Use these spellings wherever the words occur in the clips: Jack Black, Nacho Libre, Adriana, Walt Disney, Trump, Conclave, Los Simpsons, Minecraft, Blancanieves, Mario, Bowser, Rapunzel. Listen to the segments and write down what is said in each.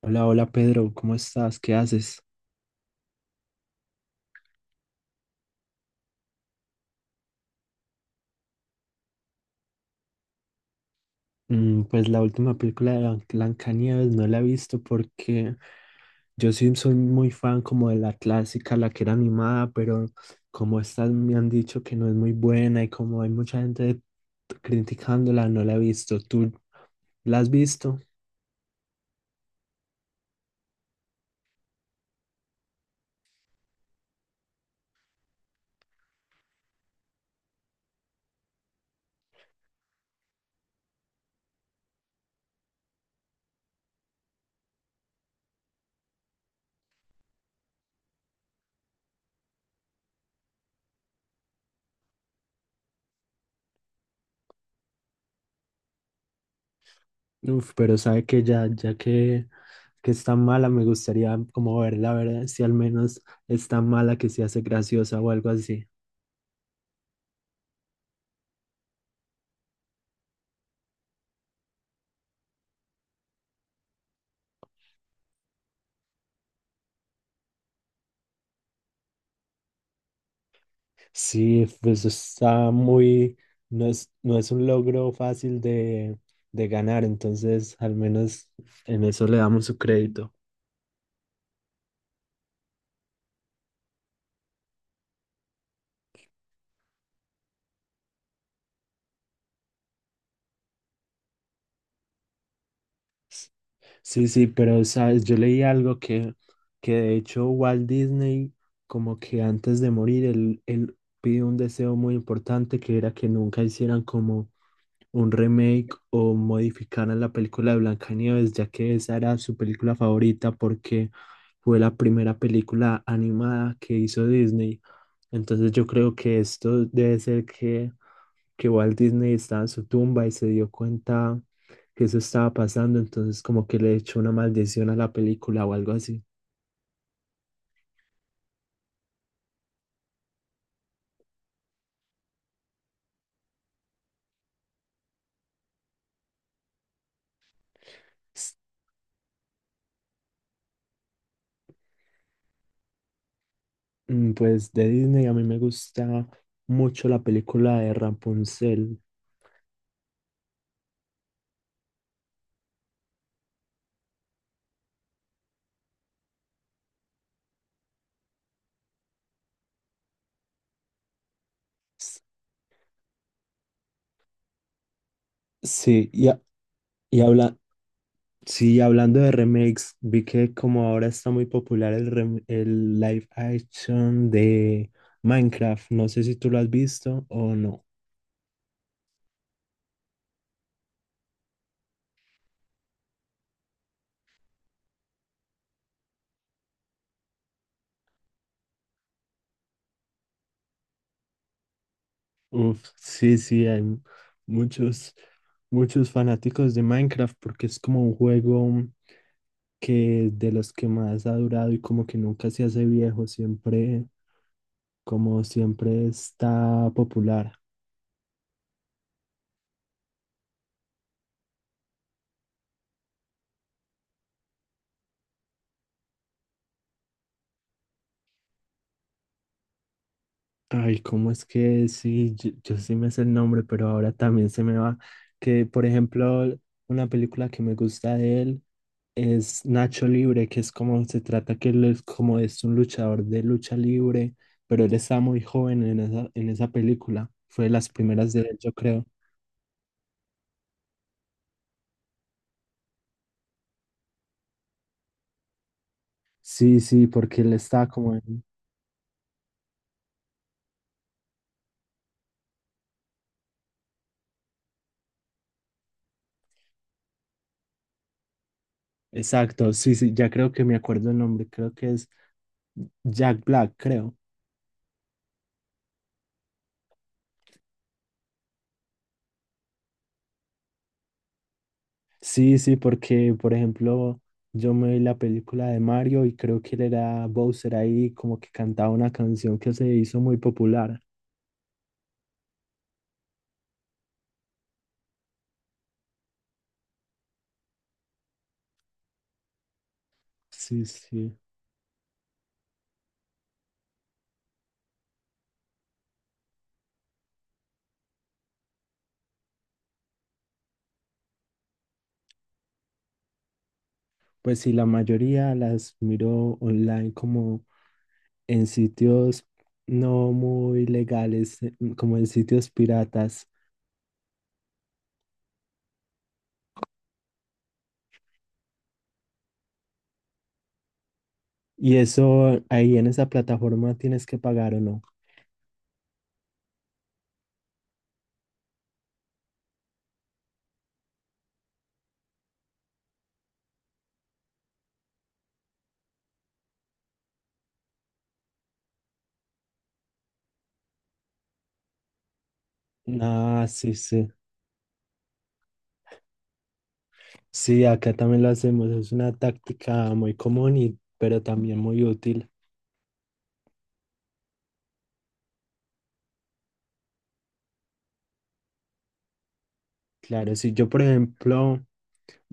Hola, hola Pedro, ¿cómo estás? ¿Qué haces? Pues la última película de Blancanieves no la he visto porque yo sí soy muy fan como de la clásica, la que era animada, pero como estas me han dicho que no es muy buena y como hay mucha gente criticándola, no la he visto. ¿Tú la has visto? Uf, pero sabe que ya que está mala, me gustaría como verla, a ver si al menos está mala que se hace graciosa o algo así. Sí, pues está muy, no es un logro fácil de ganar, entonces al menos en eso le damos su crédito. S- Sí, sí, pero sabes, yo leí algo que de hecho Walt Disney, como que antes de morir, él pidió un deseo muy importante que era que nunca hicieran como un remake o modificaran la película de Blancanieves, ya que esa era su película favorita porque fue la primera película animada que hizo Disney. Entonces yo creo que esto debe ser que Walt Disney estaba en su tumba y se dio cuenta que eso estaba pasando, entonces como que le echó una maldición a la película o algo así. S- Pues de Disney a mí me gusta mucho la película de Rapunzel. S- Sí, y sí, hablando de remakes, vi que como ahora está muy popular el, el live action de Minecraft. No sé si tú lo has visto o no. Uf, sí, sí, hay muchos, muchos fanáticos de Minecraft porque es como un juego que de los que más ha durado y como que nunca se hace viejo, siempre, como siempre está popular. Ay, ¿cómo es que sí? Yo sí me sé el nombre, pero ahora también se me va. Que, por ejemplo, una película que me gusta de él es Nacho Libre, que es como se trata que él es como es un luchador de lucha libre, pero él está muy joven en en esa película. Fue de las primeras de él, yo creo. Sí, sí, porque él está como en... Exacto, sí, sí, ya creo que me acuerdo el nombre, creo que es Jack Black, creo. Sí, sí, porque por ejemplo, yo me vi la película de Mario y creo que él era Bowser ahí, como que cantaba una canción que se hizo muy popular. Sí, sí. Pues sí, la mayoría las miro online como en sitios no muy legales, como en sitios piratas. Y eso ahí en esa plataforma tienes que pagar o no. Ah, sí, sí. Sí, acá también lo hacemos. Es una táctica muy común y pero también muy útil. Claro, si yo, por ejemplo,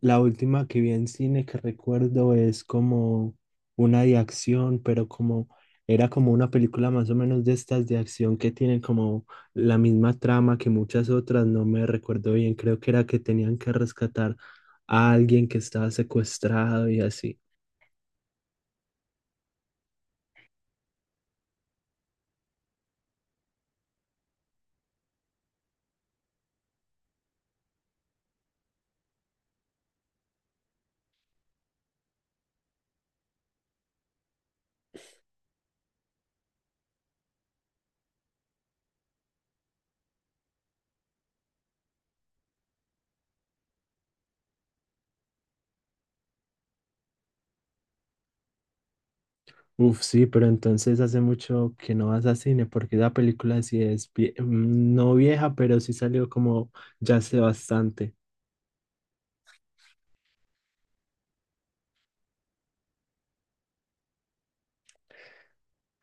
la última que vi en cine que recuerdo es como una de acción, pero como era como una película más o menos de estas de acción que tienen como la misma trama que muchas otras, no me recuerdo bien, creo que era que tenían que rescatar a alguien que estaba secuestrado y así. Uf, sí, pero entonces hace mucho que no vas a cine porque esa película sí es, no vieja, pero sí salió como ya hace bastante.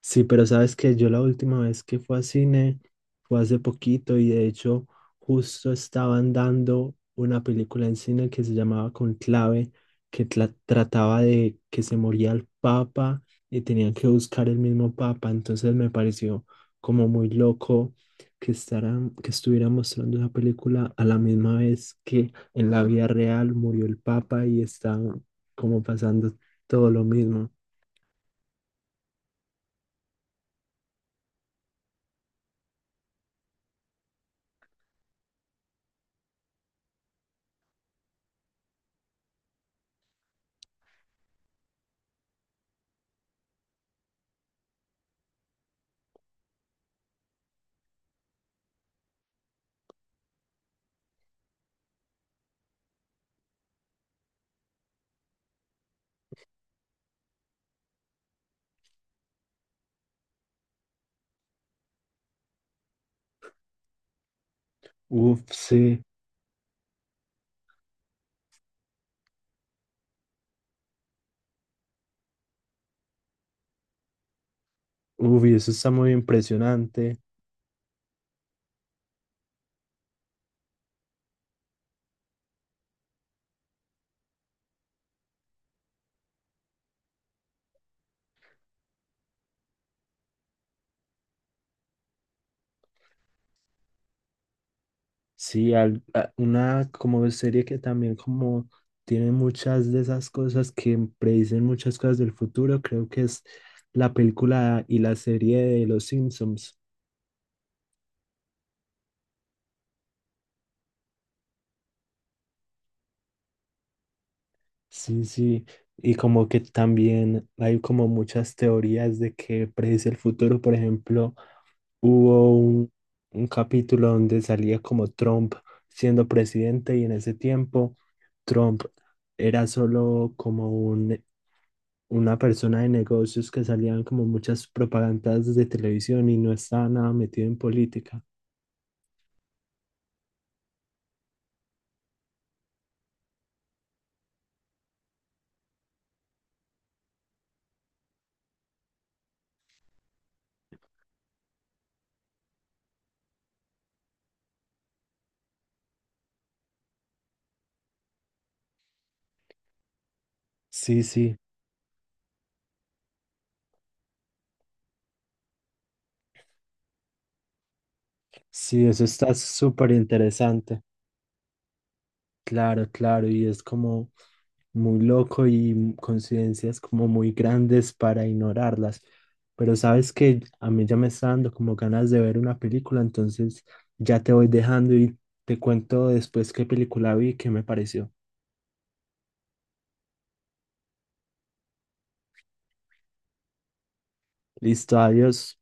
Sí, pero sabes que yo la última vez que fui a cine fue hace poquito y de hecho justo estaban dando una película en cine que se llamaba Conclave, que trataba de que se moría el Papa y tenían que buscar el mismo Papa. Entonces me pareció como muy loco que que estuviera mostrando esa película a la misma vez que en la vida real murió el Papa y está como pasando todo lo mismo. Uf, sí. Uy, eso está muy impresionante. Sí, una como serie que también como tiene muchas de esas cosas que predicen muchas cosas del futuro, creo que es la película y la serie de Los Simpsons. Sí, sí, y como que también hay como muchas teorías de que predice el futuro. Por ejemplo, hubo un, un capítulo donde salía como Trump siendo presidente y en ese tiempo Trump era solo como una persona de negocios que salían como muchas propagandas de televisión y no estaba nada metido en política. Sí, sí, sí, eso está súper interesante. Claro, claro, y es como muy loco y coincidencias como muy grandes para ignorarlas. Pero sabes que a mí ya me está dando como ganas de ver una película, entonces ya te voy dejando y te cuento después qué película vi y qué me pareció. Listo, adiós.